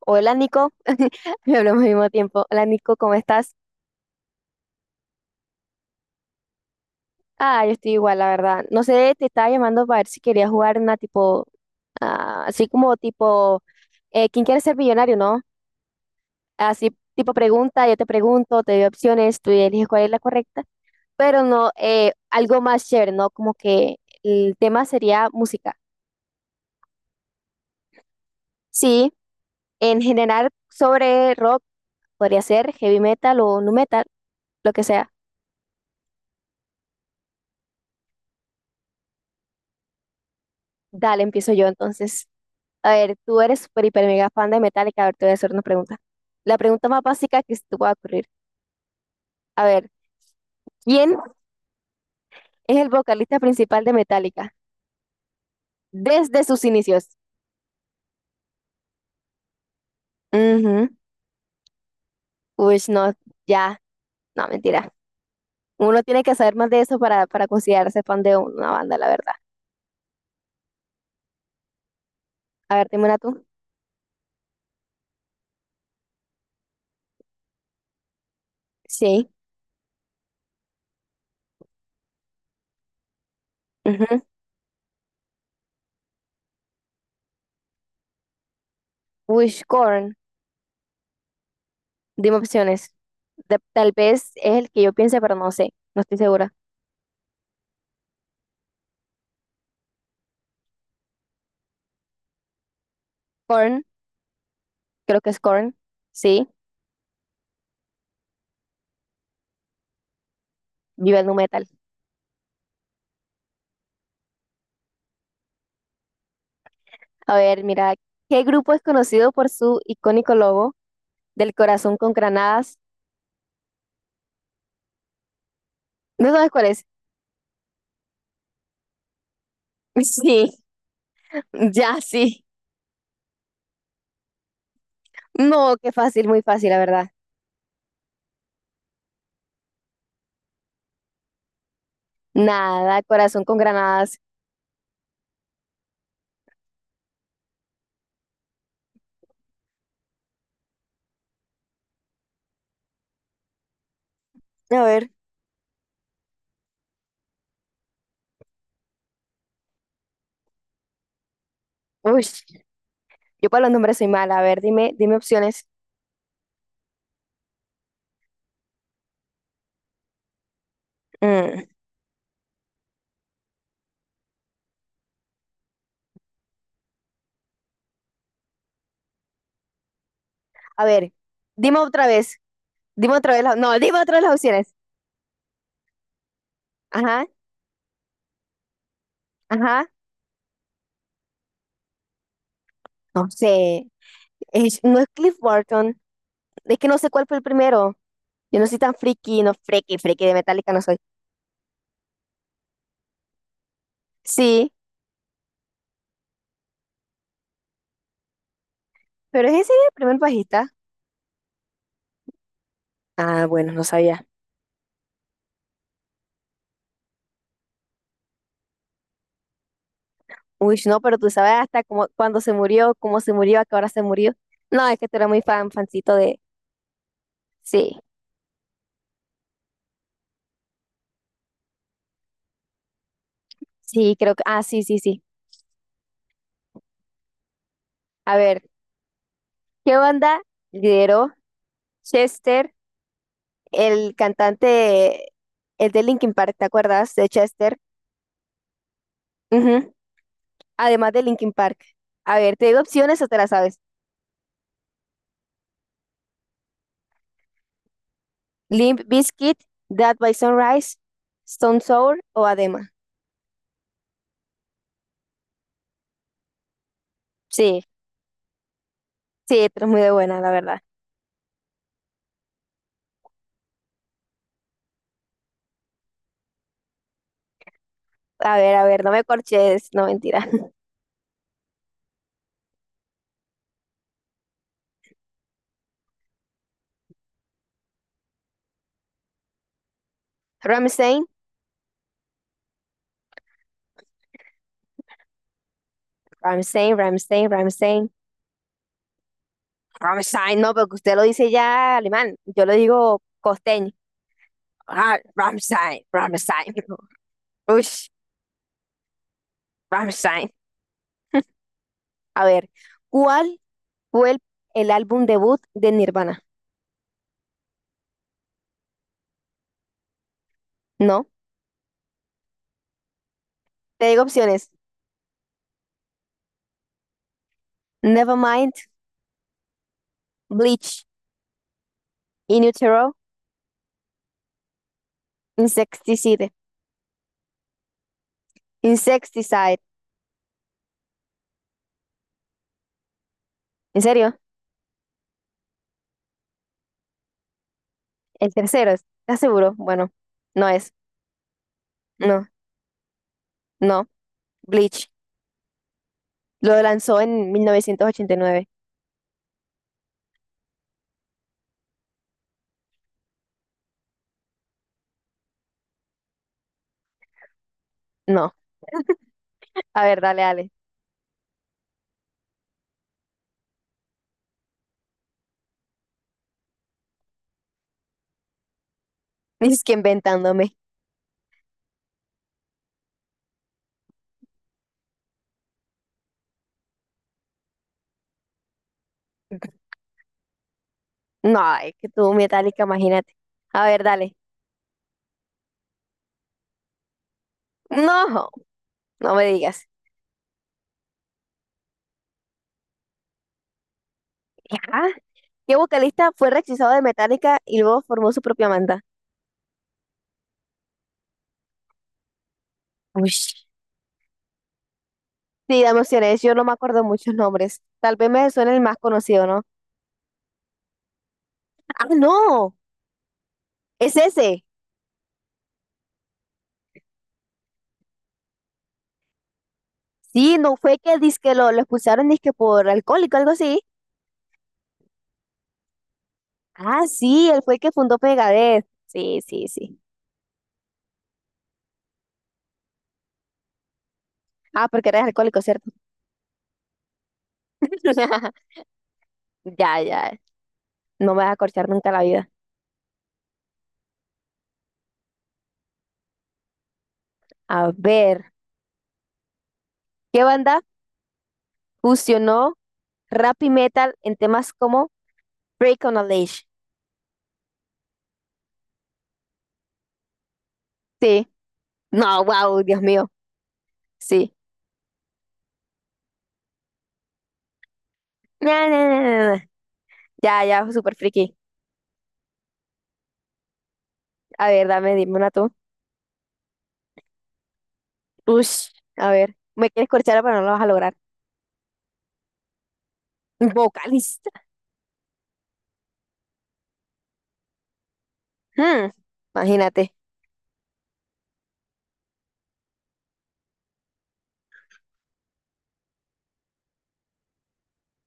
Hola Nico, me hablamos al mismo tiempo. Hola Nico, ¿cómo estás? Ah, yo estoy igual, la verdad. No sé, te estaba llamando para ver si querías jugar una tipo, ah, así como tipo, ¿quién quiere ser millonario, no? Así tipo pregunta, yo te pregunto, te doy opciones, tú eliges cuál es la correcta, pero no, algo más chévere, ¿no? Como que el tema sería música. Sí, en general sobre rock, podría ser heavy metal o nu metal, lo que sea. Dale, empiezo yo entonces. A ver, tú eres super hiper, mega fan de Metallica. A ver, te voy a hacer una pregunta. La pregunta más básica que se te pueda ocurrir. A ver, ¿quién es el vocalista principal de Metallica desde sus inicios? Ujú. Uy, no, ya, no, mentira. Uno tiene que saber más de eso para considerarse fan de una banda, la verdad. A ver, dime una tú. Sí. Ujú. Uy, Korn. Dime opciones. Tal vez es el que yo piense, pero no sé. No estoy segura. Korn, creo que es Korn. Sí, vive el nu metal. A ver, mira, ¿qué grupo es conocido por su icónico logo del corazón con granadas? ¿No sabes cuál es? Sí, ya sí. No, qué fácil, muy fácil, la verdad. Nada, corazón con granadas. A ver, uy, yo para los nombres soy mala. A ver, dime opciones. Mm, A ver, dime otra vez, dime otra vez, la- no, dime otra vez las opciones. Ajá, ajá, no sé. No es Cliff Burton, es que no sé cuál fue el primero. Yo no soy tan friki, no friki, friki de Metallica no soy. Sí. Pero ese es ese el primer bajista. Ah, bueno, no sabía. Uy, no, pero tú sabes hasta cómo, cuándo se murió, cómo se murió, a qué hora se murió. No, es que tú eres muy fan, fancito de... Sí, sí, creo que... Ah, sí, sí, sí. A ver, ¿qué banda lideró Chester, el cantante, el de Linkin Park, ¿te acuerdas de Chester? Ujú, además de Linkin Park. A ver, te digo opciones o te las sabes. Limp Bizkit, Dead by Sunrise, Stone Sour o Adema. Sí, sí, tú eres muy de buena, la verdad. A ver, no me corches, no mentira. Ramstein, Ramstein, Ramstein, Ramstein. Ramstein, no, porque usted lo dice ya alemán. Yo lo digo costeño. Ah, Ramstein, Ramstein. Ush, Ramstein. A ver, ¿cuál fue el álbum debut de Nirvana? No, te digo opciones. Nevermind, Bleach, In Utero, Insecticide. Insecticide. ¿En serio? El tercero, ¿estás seguro? Bueno, no es. No, no. Bleach. Lo lanzó en 1989. No, a ver, dale, dale. Es que inventándome. No, es que tuvo Metallica, imagínate. A ver, dale. No, no me digas. ¿Ya? ¿Qué vocalista fue rechazado de Metallica y luego formó su propia banda? Uy. Sí, dame opciones. Yo no me acuerdo muchos nombres. Tal vez me suene el más conocido, ¿no? Ah, no, es ese. Sí, no fue que dizque lo expulsaron dizque por alcohólico, algo así. Ah, sí, él fue el que fundó Megadeth. Sí, sí, sí. Ah, porque eres alcohólico, ¿cierto? Ya, ya. No me vas a corchar nunca la vida. A ver, ¿qué banda fusionó rap y metal en temas como Break on a Leash? Sí. No, wow, Dios mío. Sí. Na, na, na, na, na. Ya, ya, super friki. A ver, dame, dime una tú. Ush, a ver. Me quieres corchar, pero no lo vas a lograr. Vocalista. Hmm, imagínate.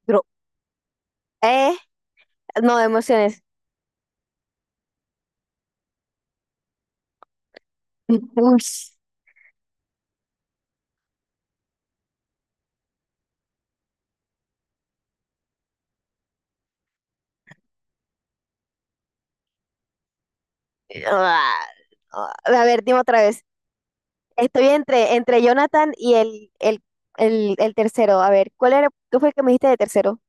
Bro. Eh, no, emociones. Ush. Ah, ah. A ver, dime otra vez. Estoy entre Jonathan y el tercero. A ver, ¿cuál era? ¿Qué fue el que me dijiste de tercero?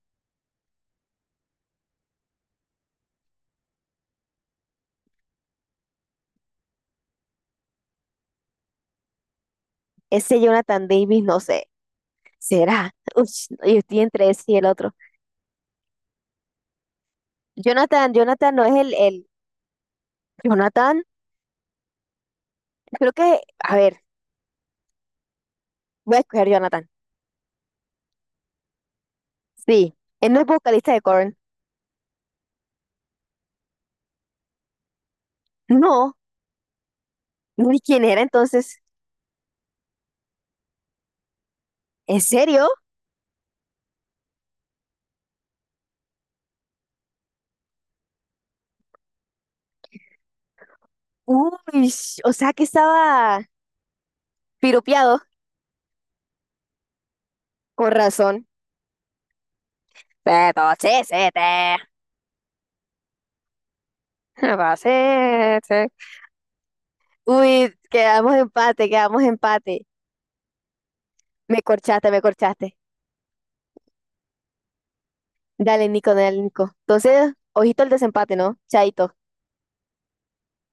Ese Jonathan Davis, no sé. ¿Será? Uy, yo estoy entre ese y el otro. Jonathan, Jonathan no es el, el. Jonathan, creo que. A ver, voy a escoger Jonathan. Sí, él no es vocalista de Korn. No, ni quién era entonces. ¿En serio? Uy, o sea que estaba piropeado. Con razón. Pepochisete, Uy, quedamos empate, quedamos empate. Me corchaste, me corchaste. Dale, Nico, dale, Nico. Entonces, ojito el desempate, ¿no? Chaito.